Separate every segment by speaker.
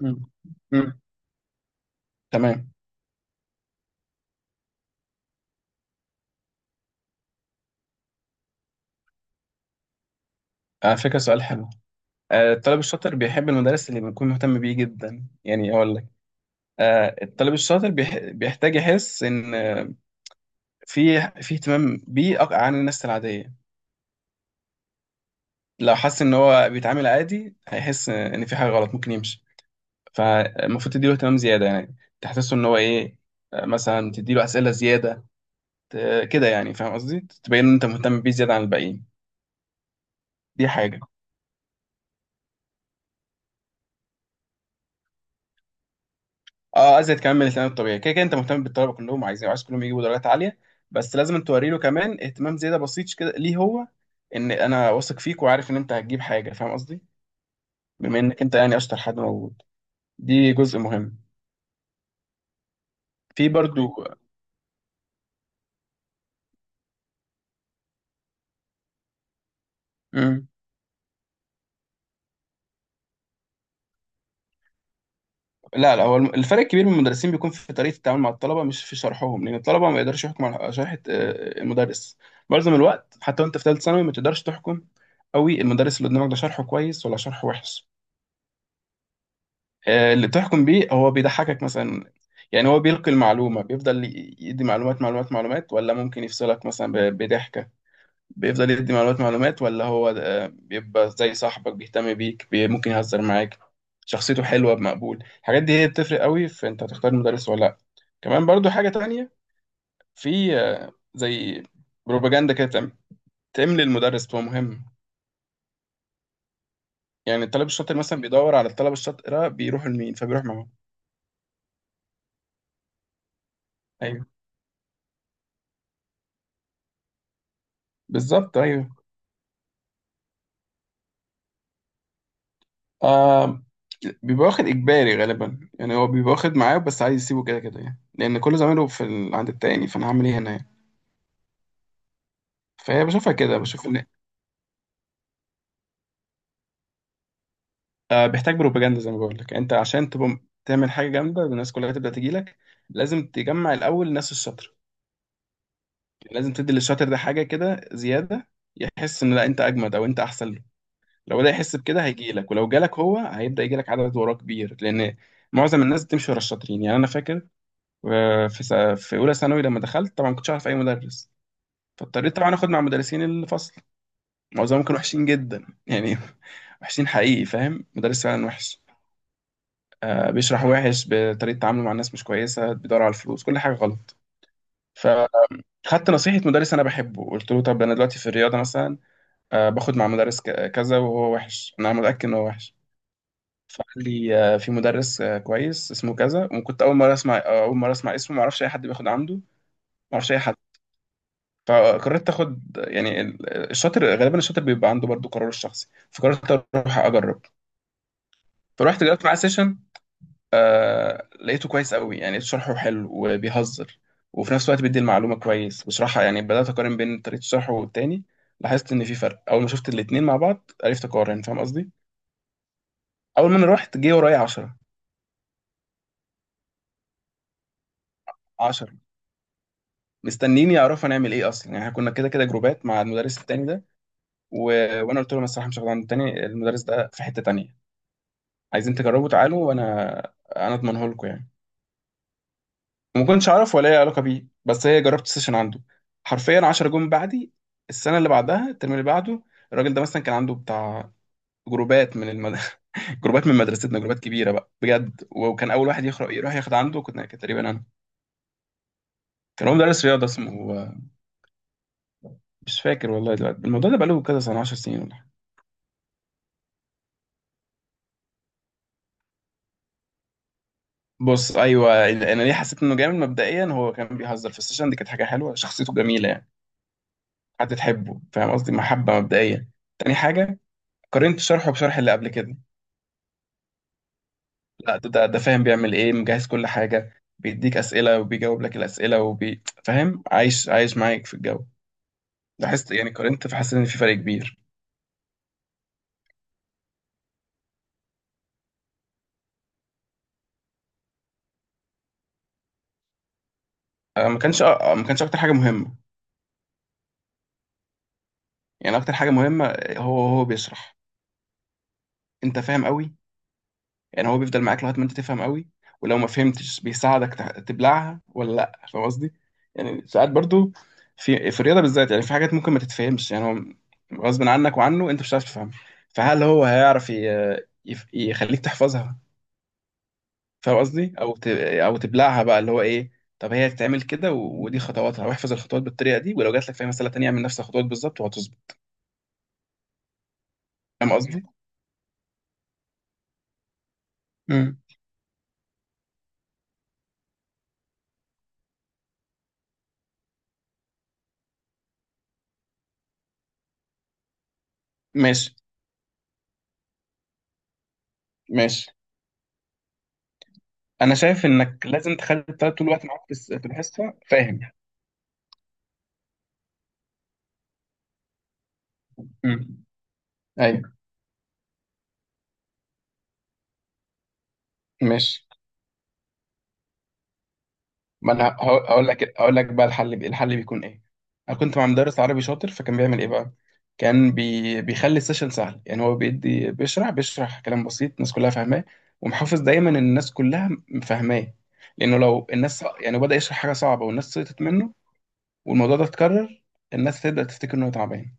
Speaker 1: مم. مم. تمام. على فكرة، سؤال حلو. الطالب الشاطر بيحب المدرس اللي بيكون مهتم بيه جدا، يعني أقول لك. الطالب الشاطر بيحتاج يحس إن في اهتمام بيه عن الناس العادية. لو حس إن هو بيتعامل عادي، هيحس إن في حاجة غلط، ممكن يمشي. فالمفروض تديله اهتمام زيادة، يعني تحسسه إن هو إيه. مثلا تديله أسئلة زيادة، كده، يعني فاهم قصدي، تبين إن أنت مهتم بيه زيادة عن الباقيين. دي حاجة. اه، ازيد كمان من الاهتمام الطبيعي. كده كده انت مهتم بالطلبه كلهم، عايزين، عايز كلهم يجيبوا درجات عاليه، بس لازم توري له كمان اهتمام زياده بسيط كده ليه هو. انا واثق فيك وعارف ان انت هتجيب حاجه، فاهم قصدي، بما انك انت يعني اشطر حد موجود. دي جزء مهم. في برضو. مم. لا لا، هو الفرق الكبير من المدرسين بيكون في طريقه التعامل مع الطلبه، مش في شرحهم، لان الطلبه ما يقدرش يحكم على شرح المدرس معظم الوقت. حتى وانت في ثالث ثانوي، ما تقدرش تحكم قوي المدرس اللي قدامك ده شرحه كويس ولا شرحه وحش. اللي تحكم بيه هو بيضحكك مثلا، يعني هو بيلقي المعلومة، بيفضل يدي معلومات معلومات معلومات، ولا ممكن يفصلك مثلا بضحكة. بيفضل يدي معلومات معلومات، ولا هو بيبقى زي صاحبك، بيهتم بيك، ممكن يهزر معاك، شخصيته حلوة بمقبول. الحاجات دي هي بتفرق قوي في انت هتختار المدرس ولا لا. كمان برضو حاجة تانية، في زي بروباجندا كده بتعمل، تعمل للمدرس، بتبقى مهم. يعني الطالب الشاطر مثلا بيدور على الطلبة الشاطرة بيروحوا لمين، فبيروح معاهم. ايوه، بالظبط، ايوه. آه، بيبقى واخد إجباري غالبا، يعني هو بيبقى واخد معاه بس عايز يسيبه، كده كده يعني، لأن كل زمايله في ال... عند التاني، فأنا هعمل إيه هنا يعني؟ فهي بشوفها كده، بشوف إن. آه، بيحتاج بروباجندا زي ما بقول لك، أنت عشان تبقى تعمل حاجة جامدة، الناس كلها تبدأ تجي لك، لازم تجمع الأول الناس الشاطرة. يعني لازم تدي للشاطر ده حاجة كده زيادة، يحس إن لا، أنت أجمد، أو أنت أحسن له. لو بدأ يحس بكده، هيجي لك، ولو جالك هو، هيبدأ يجي لك عدد وراه كبير، لأن معظم الناس بتمشي ورا الشاطرين. يعني أنا فاكر وفي س- في اولى ثانوي لما دخلت، طبعا ما كنتش اعرف اي مدرس، فاضطريت طبعا اخد مع مدرسين الفصل. معظمهم كانوا وحشين جدا يعني. وحشين حقيقي، فاهم، مدرس فعلا وحش. آه، بيشرح وحش، بطريقه تعامله مع الناس مش كويسه، بيدور على الفلوس، كل حاجه غلط. فخدت نصيحه مدرس انا بحبه. قلت له طب انا دلوقتي في الرياضه مثلا، آه باخد مع مدرس كذا، وهو وحش، انا متاكد ان هو وحش. فقال لي آه، في مدرس آه كويس اسمه كذا. وكنت اول مره اسمع، اول مره اسمع اسمه، ما اعرفش اي حد بياخد عنده، ما اعرفش اي حد. فقررت اخد، يعني الشاطر غالبا الشاطر بيبقى عنده برضو قراره الشخصي، فقررت اروح اجرب. فروحت جربت معاه سيشن، آه لقيته كويس قوي، يعني لقيت شرحه حلو وبيهزر، وفي نفس الوقت بيدي المعلومه كويس وشرحها. يعني بدات اقارن بين طريقه شرحه والتاني، لاحظت ان في فرق. اول ما شفت الاتنين مع بعض، عرفت اقارن، فاهم قصدي. اول ما انا رحت، جه ورايا 10. 10 مستنيين يعرفوا هنعمل ايه اصلا، يعني احنا كنا كده كده جروبات مع المدرس التاني ده. و... وانا قلت لهم الصراحه مش هاخد عند التاني، المدرس ده في حته تانيه، عايزين تجربوا تعالوا، انا اضمنه لكم يعني. وما كنتش اعرف ولا اي علاقه بيه، بس هي جربت سيشن عنده. حرفيا 10 جون بعدي، السنه اللي بعدها، الترم اللي بعده. الراجل ده مثلا كان عنده بتاع جروبات من جروبات من مدرستنا، جروبات كبيره بقى بجد، وكان اول واحد يخرج يروح ياخد عنده كنت، كان تقريبا انا. كان هو مدرس رياضه اسمه، مش فاكر والله دلوقتي، الموضوع ده بقاله كذا سنه، 10 سنين ولا حاجة. بص، ايوه، انا ليه حسيت انه جامد مبدئيا؟ هو كان بيهزر في السيشن دي، كانت حاجه حلوه، شخصيته جميله يعني، هتتحبه، فاهم قصدي، محبة مبدئية. تاني حاجة، قارنت شرحه بشرح اللي قبل كده، لا، ده ده فاهم بيعمل ايه، مجهز كل حاجة، بيديك أسئلة وبيجاوب لك الأسئلة، فاهم، عايش عايش معاك في الجو. لاحظت، يعني قارنت، فحسيت إن في فرق كبير. ما كانش، ما كانش أكتر حاجة مهمة، يعني أكتر حاجة مهمة، هو بيشرح، أنت فاهم قوي. يعني هو بيفضل معاك لغايه ما انت تفهم قوي، ولو ما فهمتش بيساعدك تبلعها ولا لا، فاهم قصدي. يعني ساعات برضو في الرياضه بالذات، يعني في حاجات ممكن ما تتفهمش، يعني هو غصب عنك وعنه انت مش هتعرف تفهمها. فهل هو هيعرف يخليك تحفظها، فاهم قصدي، او تبلعها بقى، اللي هو ايه، طب هي تتعمل كده، ودي خطواتها، واحفظ الخطوات بالطريقه دي، ولو جات لك في مساله تانية، اعمل نفس الخطوات بالظبط وهتظبط، فاهم قصدي. امم، ماشي. ماشي، انا شايف انك لازم تخلي الطالب طول الوقت معاك في في الحصه، فاهم. امم. ايوه. ماشي. ما انا هقول لك بقى الحل الحل بيكون ايه. انا كنت مع مدرس عربي شاطر، فكان بيعمل ايه بقى؟ كان بيخلي السيشن سهل، يعني هو بيدي، بيشرح كلام بسيط الناس كلها فاهماه، ومحافظ دايما ان الناس كلها فاهماه، لانه لو الناس، يعني بدأ يشرح حاجه صعبه والناس سقطت منه، والموضوع ده اتكرر، الناس تبدأ تفتكر انه تعبان.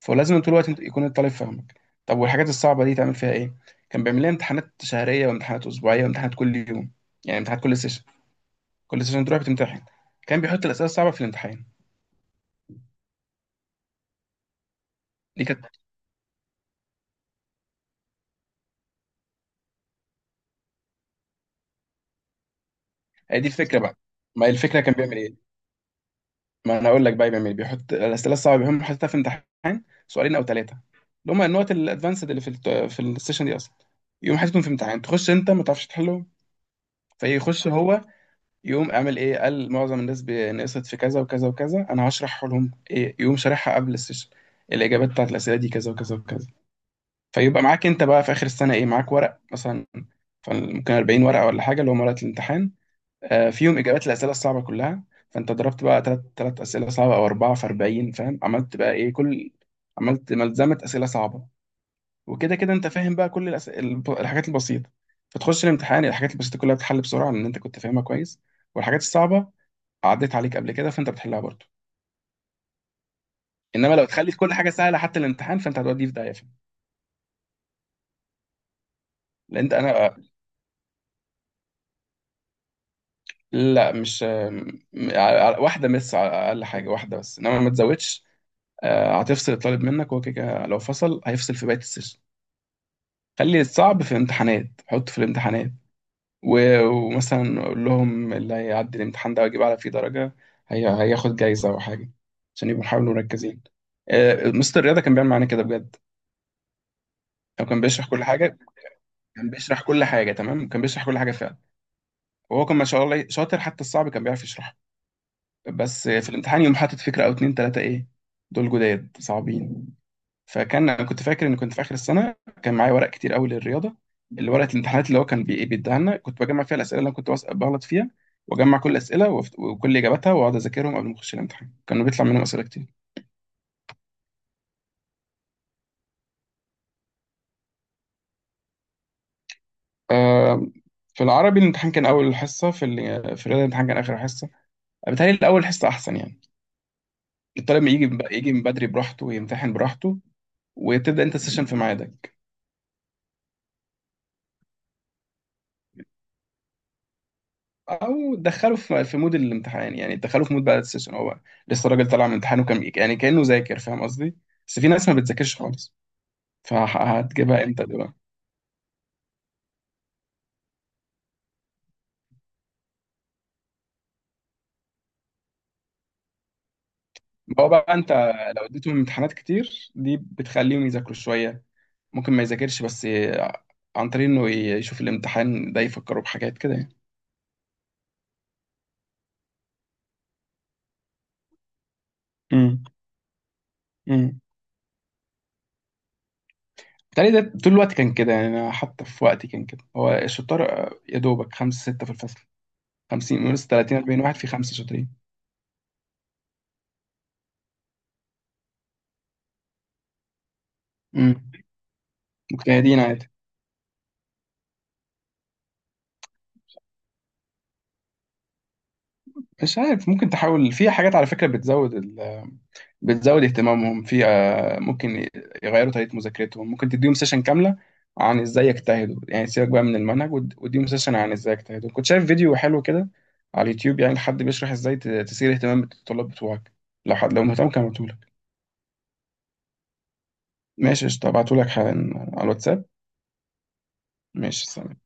Speaker 1: فلازم طول الوقت يكون الطالب فاهمك. طب والحاجات الصعبه دي تعمل فيها ايه؟ كان بيعمل لنا امتحانات شهريه، وامتحانات اسبوعيه، وامتحانات كل يوم، يعني امتحانات كل سيشن، كل سنه تروح بتمتحن. كان بيحط الاسئله الصعبه في الامتحان. دي كانت، هي دي الفكره بقى. ما هي الفكره كان بيعمل ايه؟ ما انا اقول لك بقى بيعمل ايه. بيحط الاسئله الصعبه بيهم، حاططها في امتحان، سؤالين او ثلاثه، اللي هم النقط الادفانسد اللي في في السيشن دي اصلا. يقوم حاططهم في امتحان، تخش انت ما تعرفش تحله، فيخش هو، يقوم عامل ايه، قال معظم الناس نقصت في كذا وكذا وكذا، انا هشرح لهم ايه، يقوم شارحها قبل السيشن. الاجابات بتاعت الاسئله دي كذا وكذا وكذا. فيبقى معاك انت بقى في اخر السنه ايه؟ معاك ورق مثلا، ممكن 40 ورقه ولا حاجه، اللي هم ورقه الامتحان، آه، فيهم اجابات الاسئله الصعبه كلها. فانت ضربت بقى ثلاث اسئله صعبه او اربعه في 40، فاهم، عملت بقى ايه، كل، عملت ملزمه اسئله صعبه. وكده كده انت فاهم بقى كل الحاجات البسيطه. فتخش الامتحان، الحاجات البسيطه كلها بتتحل بسرعه، لان انت كنت فاهمها كويس. والحاجات الصعبه عديت عليك قبل كده، فانت بتحلها برضه. انما لو تخلي كل حاجه سهله حتى الامتحان، فانت هتوديه في داهيه، فاهم؟ لان انت انا، لا مش ع- واحدة مس على أقل حاجة، واحدة بس، إنما ما تزودش. هتفصل الطالب منك، هو كده كده لو فصل هيفصل في بقية السيشن. خلي الصعب في الامتحانات، حطه في الامتحانات. ومثلا قول لهم اللي هيعدي الامتحان ده ويجيب على فيه درجة، هي هياخد جايزة أو حاجة، عشان يبقوا يحاولوا مركزين. مستر الرياضة كان بيعمل معانا كده بجد. هو كان بيشرح كل حاجة، كان بيشرح كل حاجة تمام، كان بيشرح كل حاجة فعلا. وهو كان ما شاء الله شاطر، حتى الصعب كان بيعرف يشرحه. بس في الامتحان يوم، حاطط فكرة أو اتنين تلاتة، إيه، دول جداد صعبين. فكان، أنا كنت فاكر إن كنت في آخر السنة، كان معايا ورق كتير أوي للرياضة، اللي ورقة الامتحانات اللي هو كان بي- إيه بيديها لنا، كنت بجمع فيها الأسئلة اللي أنا كنت بغلط فيها، وأجمع كل الأسئلة وكل إجاباتها، وأقعد أذاكرهم قبل ما أخش الامتحان، كانوا بيطلع منهم أسئلة كتير. آه، في العربي الامتحان كان أول حصة، في في الرياضة الامتحان كان آخر حصة. بيتهيألي الأول حصة أحسن، يعني الطالب يجي من يجي من بدري براحته ويمتحن براحته، وتبدأ أنت السيشن في ميعادك. او دخله في في مود الامتحان، يعني دخله في مود بقى السيشن، هو لسه الراجل طالع من امتحانه، كان يعني كانه ذاكر، فاهم قصدي. بس في ناس ما بتذاكرش خالص، فهتجيبها امتى دي بقى؟ ما هو بقى انت لو اديتهم امتحانات كتير، دي بتخليهم يذاكروا شويه، ممكن ما يذاكرش بس عن طريق انه يشوف الامتحان ده، يفكروا بحاجات كده يعني. امم، امم، بالتالي ده طول الوقت كان كده، يعني انا حتى في وقتي كان كده. هو الشطار، يا دوبك خمسة ستة في الفصل، 50 من 30، 40 واحد في خمسة شاطرين. امم. مجتهدين عادي. مش عارف، ممكن تحاول في حاجات على فكرة بتزود ال... بتزود اهتمامهم في، ممكن يغيروا طريقة مذاكرتهم، ممكن تديهم سيشن كاملة عن ازاي يجتهدوا، يعني سيبك بقى من المنهج، واديهم سيشن عن ازاي يجتهدوا. كنت شايف فيديو حلو كده على اليوتيوب، يعني حد بيشرح ازاي تثير اهتمام الطلاب بتوعك. لو حد، لو مهتم، كان ابعتهولك. ماشي، قشطة، هبعتهولك حالا على الواتساب. ماشي، سلام.